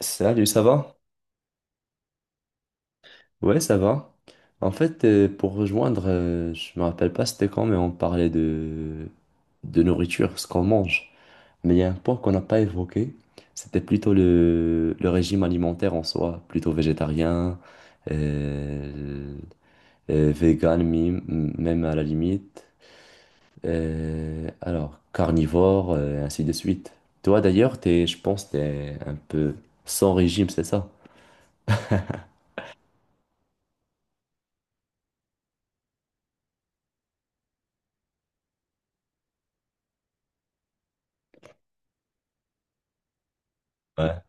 Salut, ça va? Ouais, ça va. En fait, pour rejoindre, je me rappelle pas c'était quand, mais on parlait de nourriture, ce qu'on mange. Mais il y a un point qu'on n'a pas évoqué, c'était plutôt le régime alimentaire en soi, plutôt végétarien, euh, vegan, même à la limite. Alors, carnivore, ainsi de suite. Toi d'ailleurs, t'es, je pense, t'es un peu sans régime, c'est ça? Ouais.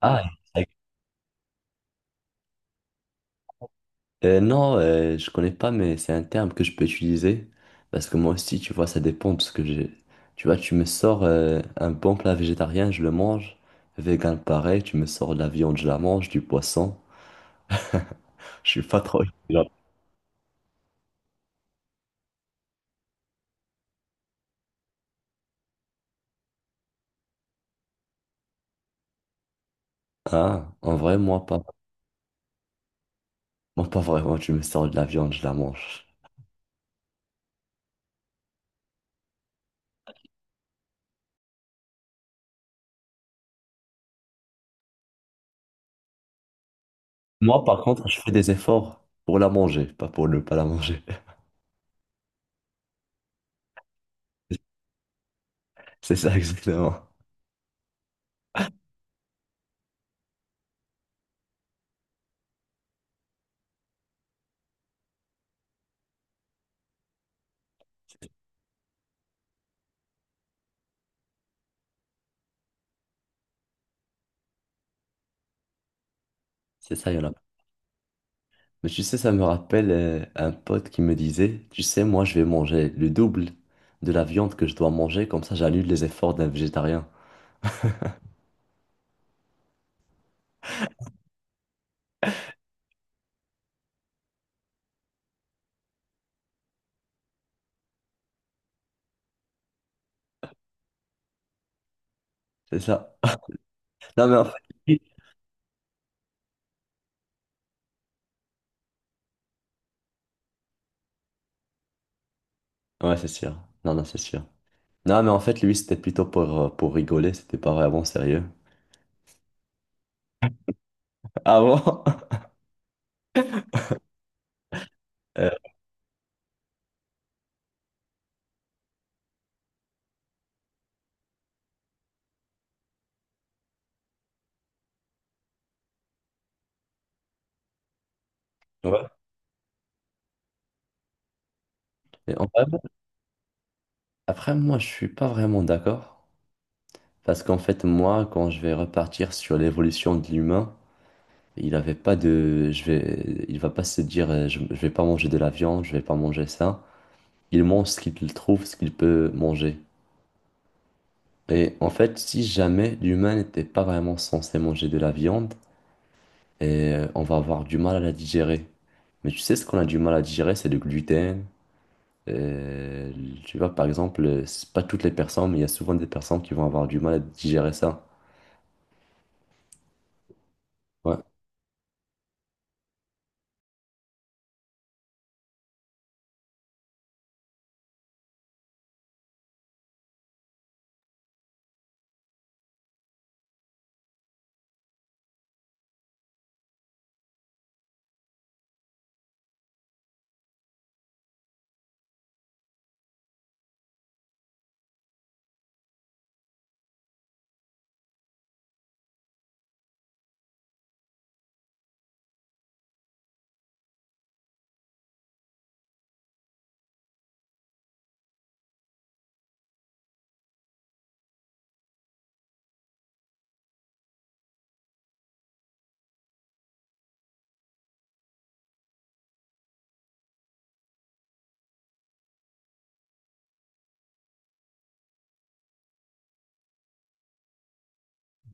Ah. Non, je connais pas, mais c'est un terme que je peux utiliser. Parce que moi aussi, tu vois, ça dépend. Parce que j'ai. Tu vois, tu me sors un bon plat végétarien, je le mange. Vegan, pareil. Tu me sors de la viande, je la mange. Du poisson. Je suis pas trop. Ah, en vrai, moi pas. Moi pas vraiment. Tu me sors de la viande, je la mange. Moi, par contre, je fais des efforts pour la manger, pas pour ne pas la manger. C'est ça, exactement. C'est ça, il y en a. Mais tu sais, ça me rappelle un pote qui me disait, tu sais, moi je vais manger le double de la viande que je dois manger, comme ça j'annule les efforts d'un végétarien. C'est ça. Non mais en fait... Ouais, c'est sûr. Non, non, c'est sûr. Non mais en fait, lui, c'était plutôt pour rigoler, c'était pas vraiment sérieux. Ah bon? Euh, ouais. Et en vrai, après, moi, je suis pas vraiment d'accord. Parce qu'en fait, moi, quand je vais repartir sur l'évolution de l'humain, il avait pas de... Je vais... Il va pas se dire, je vais pas manger de la viande, je vais pas manger ça. Il mange ce qu'il trouve, ce qu'il peut manger. Et en fait, si jamais l'humain n'était pas vraiment censé manger de la viande, et on va avoir du mal à la digérer. Mais tu sais, ce qu'on a du mal à digérer, c'est le gluten. Euh, tu vois, par exemple, c'est pas toutes les personnes, mais il y a souvent des personnes qui vont avoir du mal à digérer ça. Ouais.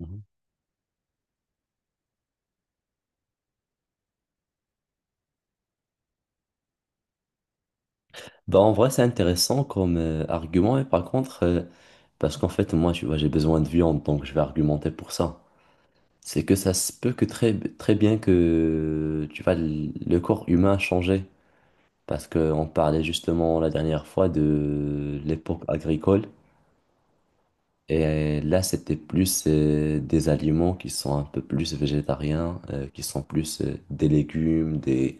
Mhm. Bah, en vrai, c'est intéressant comme argument, et par contre, parce qu'en fait, moi, tu vois, j'ai besoin de viande, donc je vais argumenter pour ça. C'est que ça se peut que très, très bien que tu vois, le corps humain a changé. Parce qu'on parlait justement la dernière fois de l'époque agricole. Et là, c'était plus des aliments qui sont un peu plus végétariens, qui sont plus des légumes,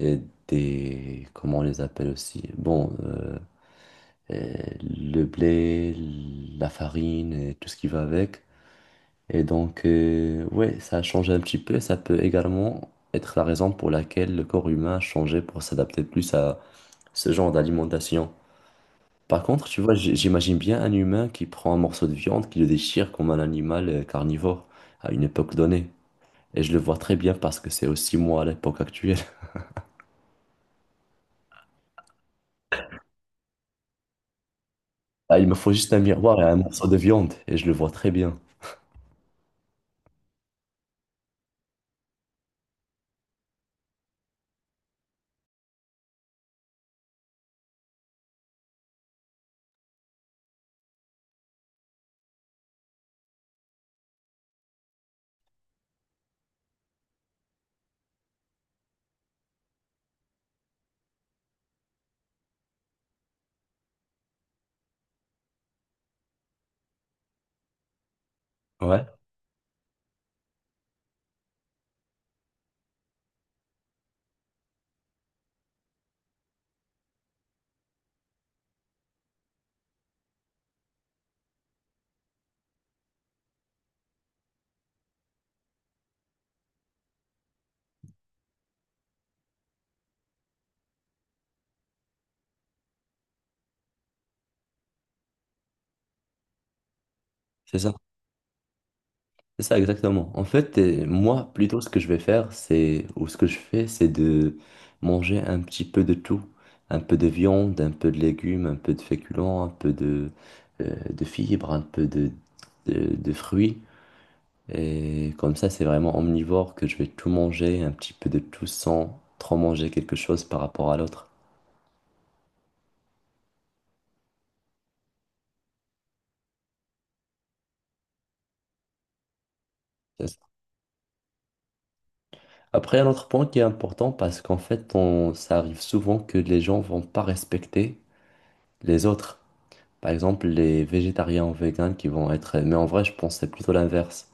euh, des... Comment on les appelle aussi? Bon, euh, le blé, la farine et tout ce qui va avec. Et donc, ouais, ça a changé un petit peu. Ça peut également être la raison pour laquelle le corps humain a changé pour s'adapter plus à ce genre d'alimentation. Par contre, tu vois, j'imagine bien un humain qui prend un morceau de viande, qui le déchire comme un animal carnivore à une époque donnée. Et je le vois très bien parce que c'est aussi moi à l'époque actuelle. Ah, il me faut juste un miroir et un morceau de viande et je le vois très bien. Ouais, c'est ça. C'est ça, exactement. En fait, moi, plutôt, ce que je vais faire, c'est, ou ce que je fais, c'est de manger un petit peu de tout. Un peu de viande, un peu de légumes, un peu de féculents, un peu de fibres, un peu de fruits. Et comme ça, c'est vraiment omnivore que je vais tout manger, un petit peu de tout sans trop manger quelque chose par rapport à l'autre. C'est ça. Après, un autre point qui est important, parce qu'en fait, on, ça arrive souvent que les gens vont pas respecter les autres. Par exemple, les végétariens ou véganes qui vont être... Mais en vrai, je pense que c'est plutôt l'inverse.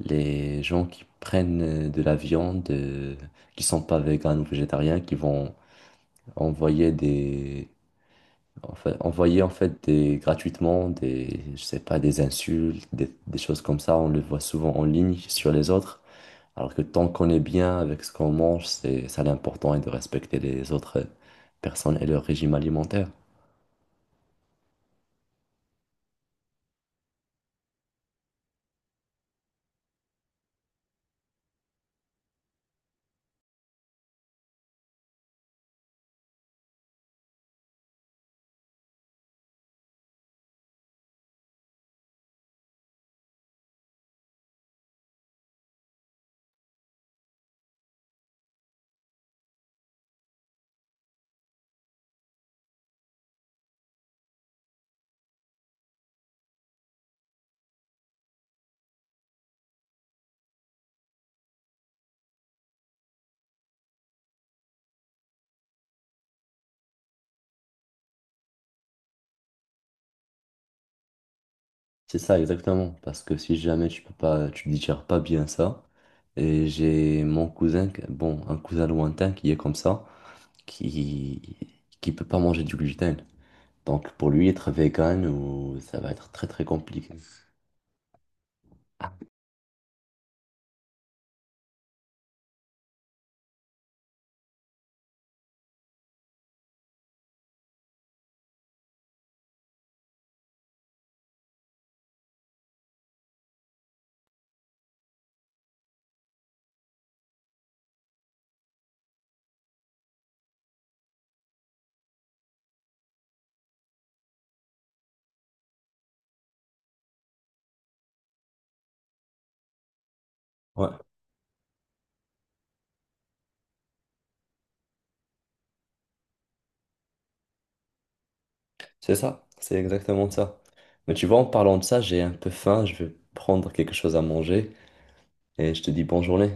Les gens qui prennent de la viande, qui sont pas véganes ou végétariens, qui vont envoyer des... Enfin, envoyer en fait des gratuitement des je sais pas des insultes des choses comme ça, on le voit souvent en ligne sur les autres, alors que tant qu'on est bien avec ce qu'on mange, c'est ça l'important, est de respecter les autres personnes et leur régime alimentaire. C'est ça, exactement. Parce que si jamais tu peux pas, tu digères pas bien ça, et j'ai mon cousin, bon, un cousin lointain qui est comme ça, qui peut pas manger du gluten. Donc pour lui, être vegan, ou ça va être très très compliqué. Ouais, c'est ça, c'est exactement ça. Mais tu vois, en parlant de ça, j'ai un peu faim, je vais prendre quelque chose à manger et je te dis bonne journée.